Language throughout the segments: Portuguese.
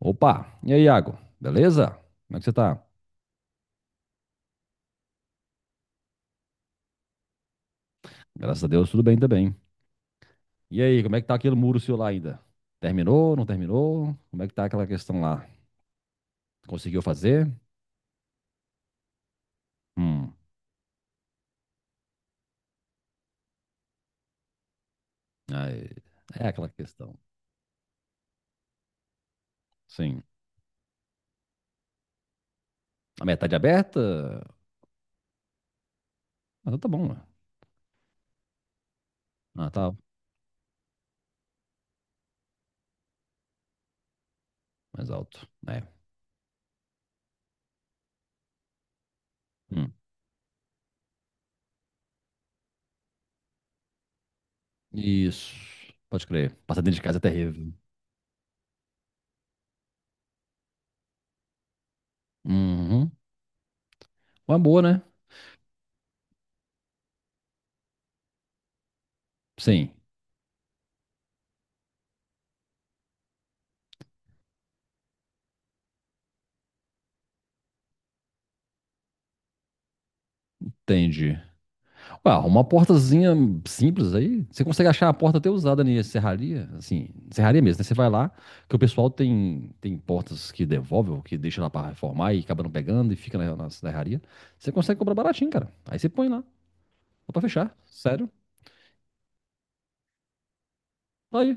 Opa, e aí, Iago? Beleza? Como é que você tá? Graças a Deus, tudo bem também. E aí, como é que tá aquele muro seu lá ainda? Terminou, não terminou? Como é que tá aquela questão lá? Conseguiu fazer? Hum. Aí, é aquela questão. Sim. A metade aberta? Ah, então tá bom, né? Ah, tá mais alto. É. Hum. Isso. Pode crer. Passar dentro de casa é terrível. Uhum. Uma boa, né? Sim. Entendi. Pá, uma portazinha simples aí, você consegue achar a porta até usada na serraria, assim, serraria mesmo, né? Você vai lá, que o pessoal tem portas que devolve ou que deixa lá pra reformar e acaba não pegando e fica na serraria. Você consegue comprar baratinho, cara. Aí você põe lá, só pra fechar, sério. Tá. Aí,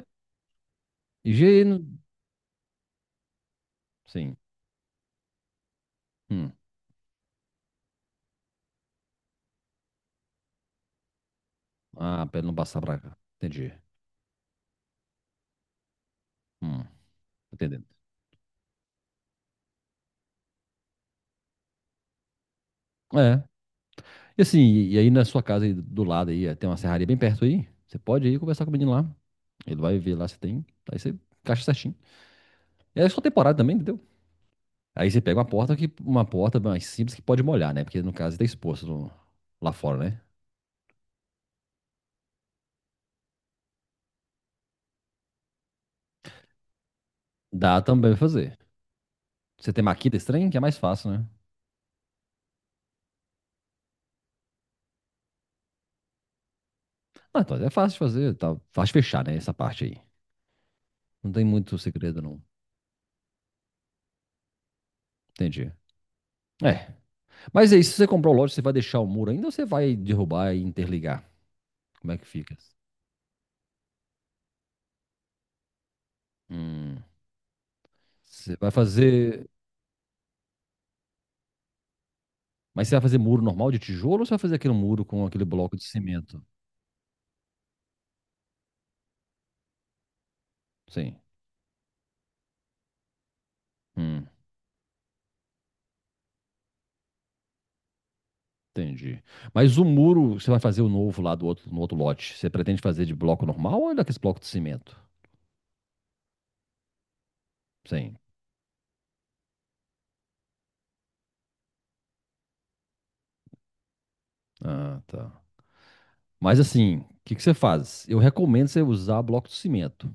higiene, sim. Hum. Ah, pra ele não passar pra cá. Entendi. Hum. Tô entendendo. É, e assim, e aí na sua casa aí do lado aí, tem uma serraria bem perto aí, você pode ir conversar com o menino lá, ele vai ver lá se tem, aí você encaixa certinho. É só temporada também, entendeu? Aí você pega uma porta mais simples que pode molhar, né? Porque no caso tá exposto lá fora, né? Dá também pra fazer. Você tem maquita estranha, que é mais fácil, né? Ah, então é fácil de fazer, tá fácil de fechar, né? Essa parte aí. Não tem muito segredo, não. Entendi. É. Mas é isso, se você comprou o lote, você vai deixar o muro ainda ou você vai derrubar e interligar? Como é que fica? Hum. Você vai fazer. Mas você vai fazer muro normal de tijolo ou você vai fazer aquele muro com aquele bloco de cimento? Sim. Hum. Entendi. Mas o muro, você vai fazer o novo lá do outro, no outro lote, você pretende fazer de bloco normal ou é daqueles blocos de cimento? Sim. Ah, tá. Mas assim, o que que você faz? Eu recomendo você usar bloco de cimento.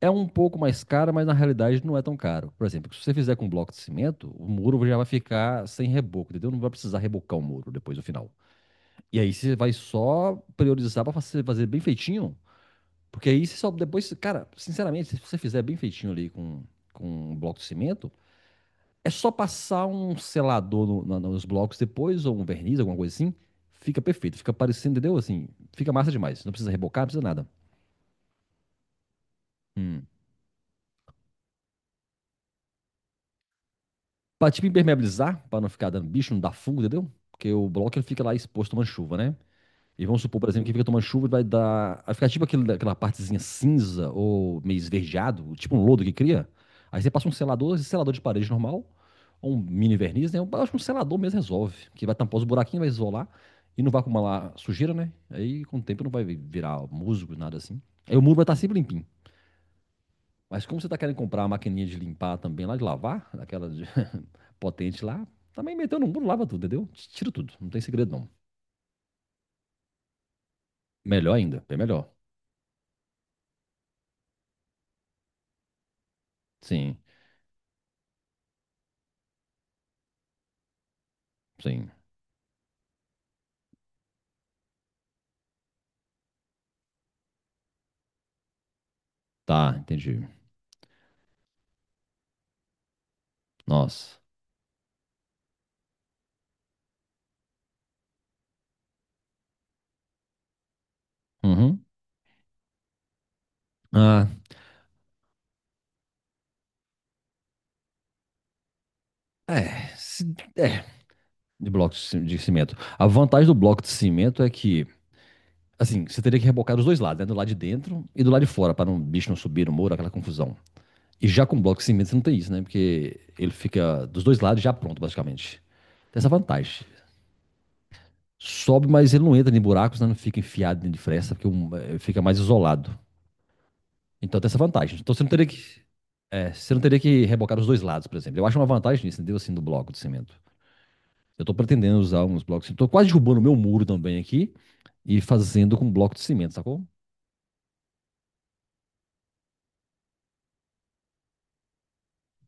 É um pouco mais caro, mas na realidade não é tão caro. Por exemplo, se você fizer com bloco de cimento, o muro já vai ficar sem reboco, entendeu? Não vai precisar rebocar o muro depois no final. E aí você vai só priorizar para fazer bem feitinho, porque aí você só depois, cara, sinceramente, se você fizer bem feitinho ali com um bloco de cimento, é só passar um selador nos blocos depois, ou um verniz, alguma coisa assim. Fica perfeito. Fica parecendo, entendeu? Assim, fica massa demais. Não precisa rebocar, não precisa nada. Hum. Pra tipo impermeabilizar, pra não ficar dando bicho, não dar fungo, entendeu? Porque o bloco ele fica lá exposto tomando chuva, né? E vamos supor, por exemplo, que fica tomando chuva e vai dar. Vai ficar tipo aquela partezinha cinza ou meio esverdeado, tipo um lodo que cria. Aí você passa um selador, esse selador de parede normal, um mini verniz, né? Eu acho que um selador mesmo resolve. Que vai tampar os buraquinhos, vai isolar e não vai acumular sujeira, né? Aí com o tempo não vai virar musgo, nada assim. Aí o muro vai estar sempre limpinho. Mas como você tá querendo comprar a maquininha de limpar também lá, de lavar, aquela potente lá, também meteu no muro, lava tudo, entendeu? Tira tudo, não tem segredo não. Melhor ainda, bem melhor. Sim, sim. Tá, entendi. Nossa. Uhum. Ah, é, é, de bloco de de cimento. A vantagem do bloco de cimento é que, assim, você teria que rebocar dos dois lados, né? Do lado de dentro e do lado de fora, para o bicho não subir no muro, aquela confusão. E já com bloco de cimento você não tem isso, né? Porque ele fica dos dois lados já pronto, basicamente. Tem essa vantagem. Sobe, mas ele não entra em buracos, né? Não fica enfiado dentro de fresta, porque fica mais isolado. Então tem essa vantagem. Então você não teria que. Você não teria que rebocar dos dois lados, por exemplo. Eu acho uma vantagem nisso, entendeu? Assim, do bloco de cimento. Eu tô pretendendo usar uns blocos de cimento. Tô quase derrubando o meu muro também aqui e fazendo com bloco de cimento, sacou?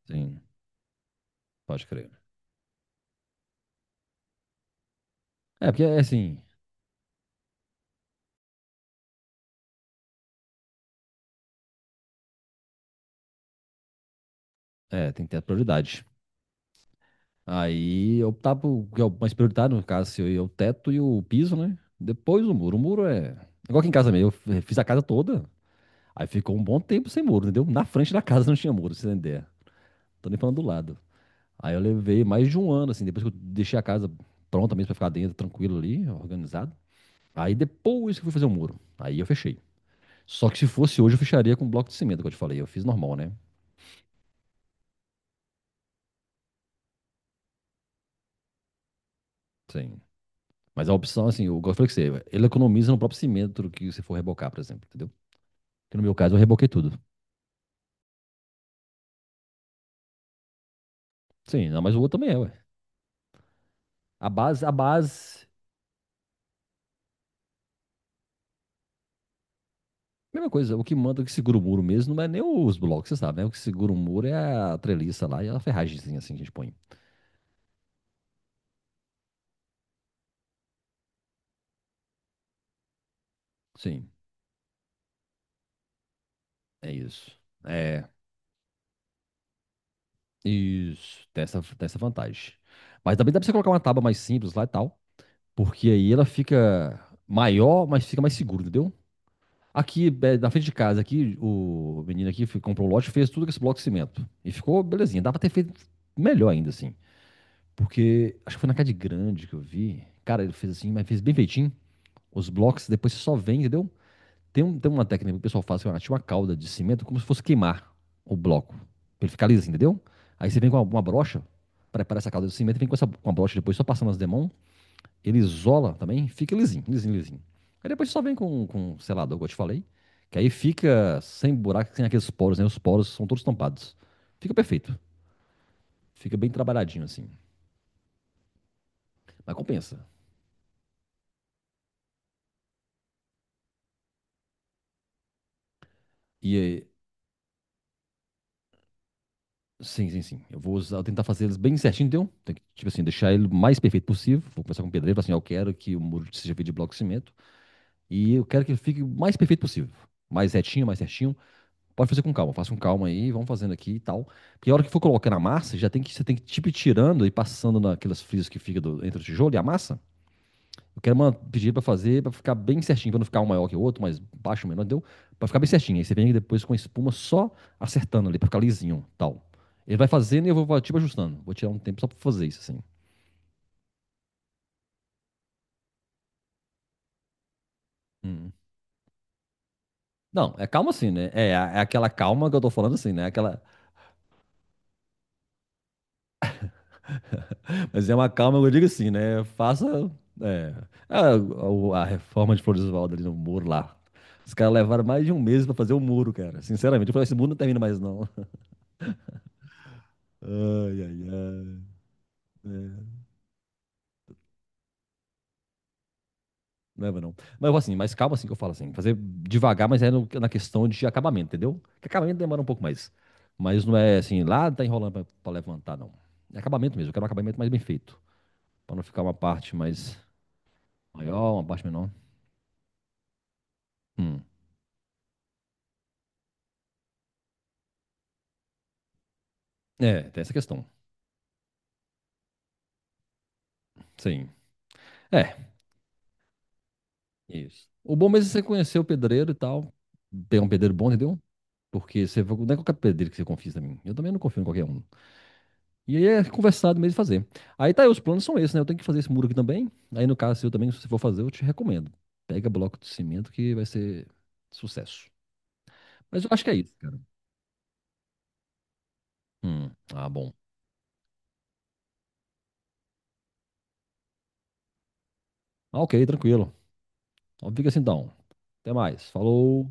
Sim, pode crer. É, porque é assim, tem que ter a prioridade. Aí optar por, que é o mais prioritário, no caso, se eu ia o teto e o piso, né? Depois o muro. O muro é. Igual aqui em casa mesmo, eu fiz a casa toda, aí ficou um bom tempo sem muro, entendeu? Na frente da casa não tinha muro, você entender. Tô nem falando do lado. Aí eu levei mais de um ano, assim, depois que eu deixei a casa pronta mesmo pra ficar dentro, tranquilo ali, organizado. Aí depois que eu fui fazer o muro. Aí eu fechei. Só que se fosse hoje, eu fecharia com bloco de cimento, que eu te falei. Eu fiz normal, né? Sim. Mas a opção, assim, eu gosto que você, ele economiza no próprio cimento que você for rebocar, por exemplo, entendeu? Que no meu caso eu reboquei tudo. Sim, não, mas o outro também é, ué. A base, mesma coisa, o que manda, o que segura o muro mesmo, não é nem os blocos, você sabe, né? O que segura o muro é a treliça lá e a ferragemzinha assim que a gente põe. Sim, é isso. É, isso, tem essa vantagem. Mas também dá pra você colocar uma tábua mais simples lá e tal, porque aí ela fica maior, mas fica mais seguro, entendeu? Aqui, na frente de casa, aqui, o menino aqui comprou um lote, fez tudo com esse bloco de cimento. E ficou belezinha. Dá pra ter feito melhor ainda, assim. Porque acho que foi na Cade Grande que eu vi. Cara, ele fez assim, mas fez bem feitinho. Os blocos, depois você só vem, entendeu? Tem uma técnica que o pessoal faz, que é uma calda de cimento, como se fosse queimar o bloco. Pra ele ficar liso, entendeu? Aí você vem com uma brocha, prepara essa calda de cimento e vem com a brocha depois, só passando as demãos ele isola também, fica lisinho, lisinho, lisinho. Aí depois só vem com selador, como eu te falei, que aí fica sem buraco, sem aqueles poros, né? Os poros são todos tampados. Fica perfeito, fica bem trabalhadinho assim, mas compensa. E sim, sim, sim, eu vou tentar fazer eles bem certinho, entendeu? Tem que, tipo assim, deixar ele o mais perfeito possível. Vou conversar com o pedreiro, falar assim, ó, eu quero que o muro seja feito de bloco de cimento e eu quero que ele fique o mais perfeito possível. Mais retinho, mais certinho. Pode fazer com calma, faça com calma aí, vamos fazendo aqui e tal. Porque a hora que for colocando a massa, já tem que, você tem que tipo ir tirando e passando naquelas frisas que fica entre o tijolo e a massa. Eu quero pedir para fazer, para ficar bem certinho, para não ficar um maior que o outro, mas baixo, menor, deu? Para ficar bem certinho. Aí você vem depois com a espuma só acertando ali, para ficar lisinho, tal. Ele vai fazendo e eu vou tipo ajustando. Vou tirar um tempo só para fazer isso assim. Hum. Não, é calma assim, né? É aquela calma que eu tô falando assim, né? Aquela. Mas é uma calma, eu digo assim, né? Faça. É a, a reforma de Floridsvaldo ali no muro lá. Os caras levaram mais de um mês pra fazer o muro, cara. Sinceramente, eu falei, esse muro não termina mais, não. Ai, ai, ai. É, não é, não. Mas assim, mais calma assim que eu falo assim. Fazer devagar, mas é na questão de acabamento, entendeu? Que acabamento demora um pouco mais. Mas não é assim, lá tá enrolando pra levantar, não. É acabamento mesmo, eu quero um acabamento mais bem feito. Pra não ficar uma parte mais maior, uma parte menor. Hum. É, tem essa questão. Sim. É, isso. O bom mesmo é você conhecer o pedreiro e tal. Pegar um pedreiro bom, entendeu? Porque você não é qualquer pedreiro que você confia também. Eu também não confio em qualquer um. E aí é conversado mesmo e fazer. Aí tá aí, os planos são esses, né? Eu tenho que fazer esse muro aqui também. Aí no caso seu também, se você for fazer, eu te recomendo. Pega bloco de cimento que vai ser sucesso. Mas eu acho que é isso, cara. Ah, bom. Ah, ok, tranquilo. Então fica assim então. Até mais. Falou.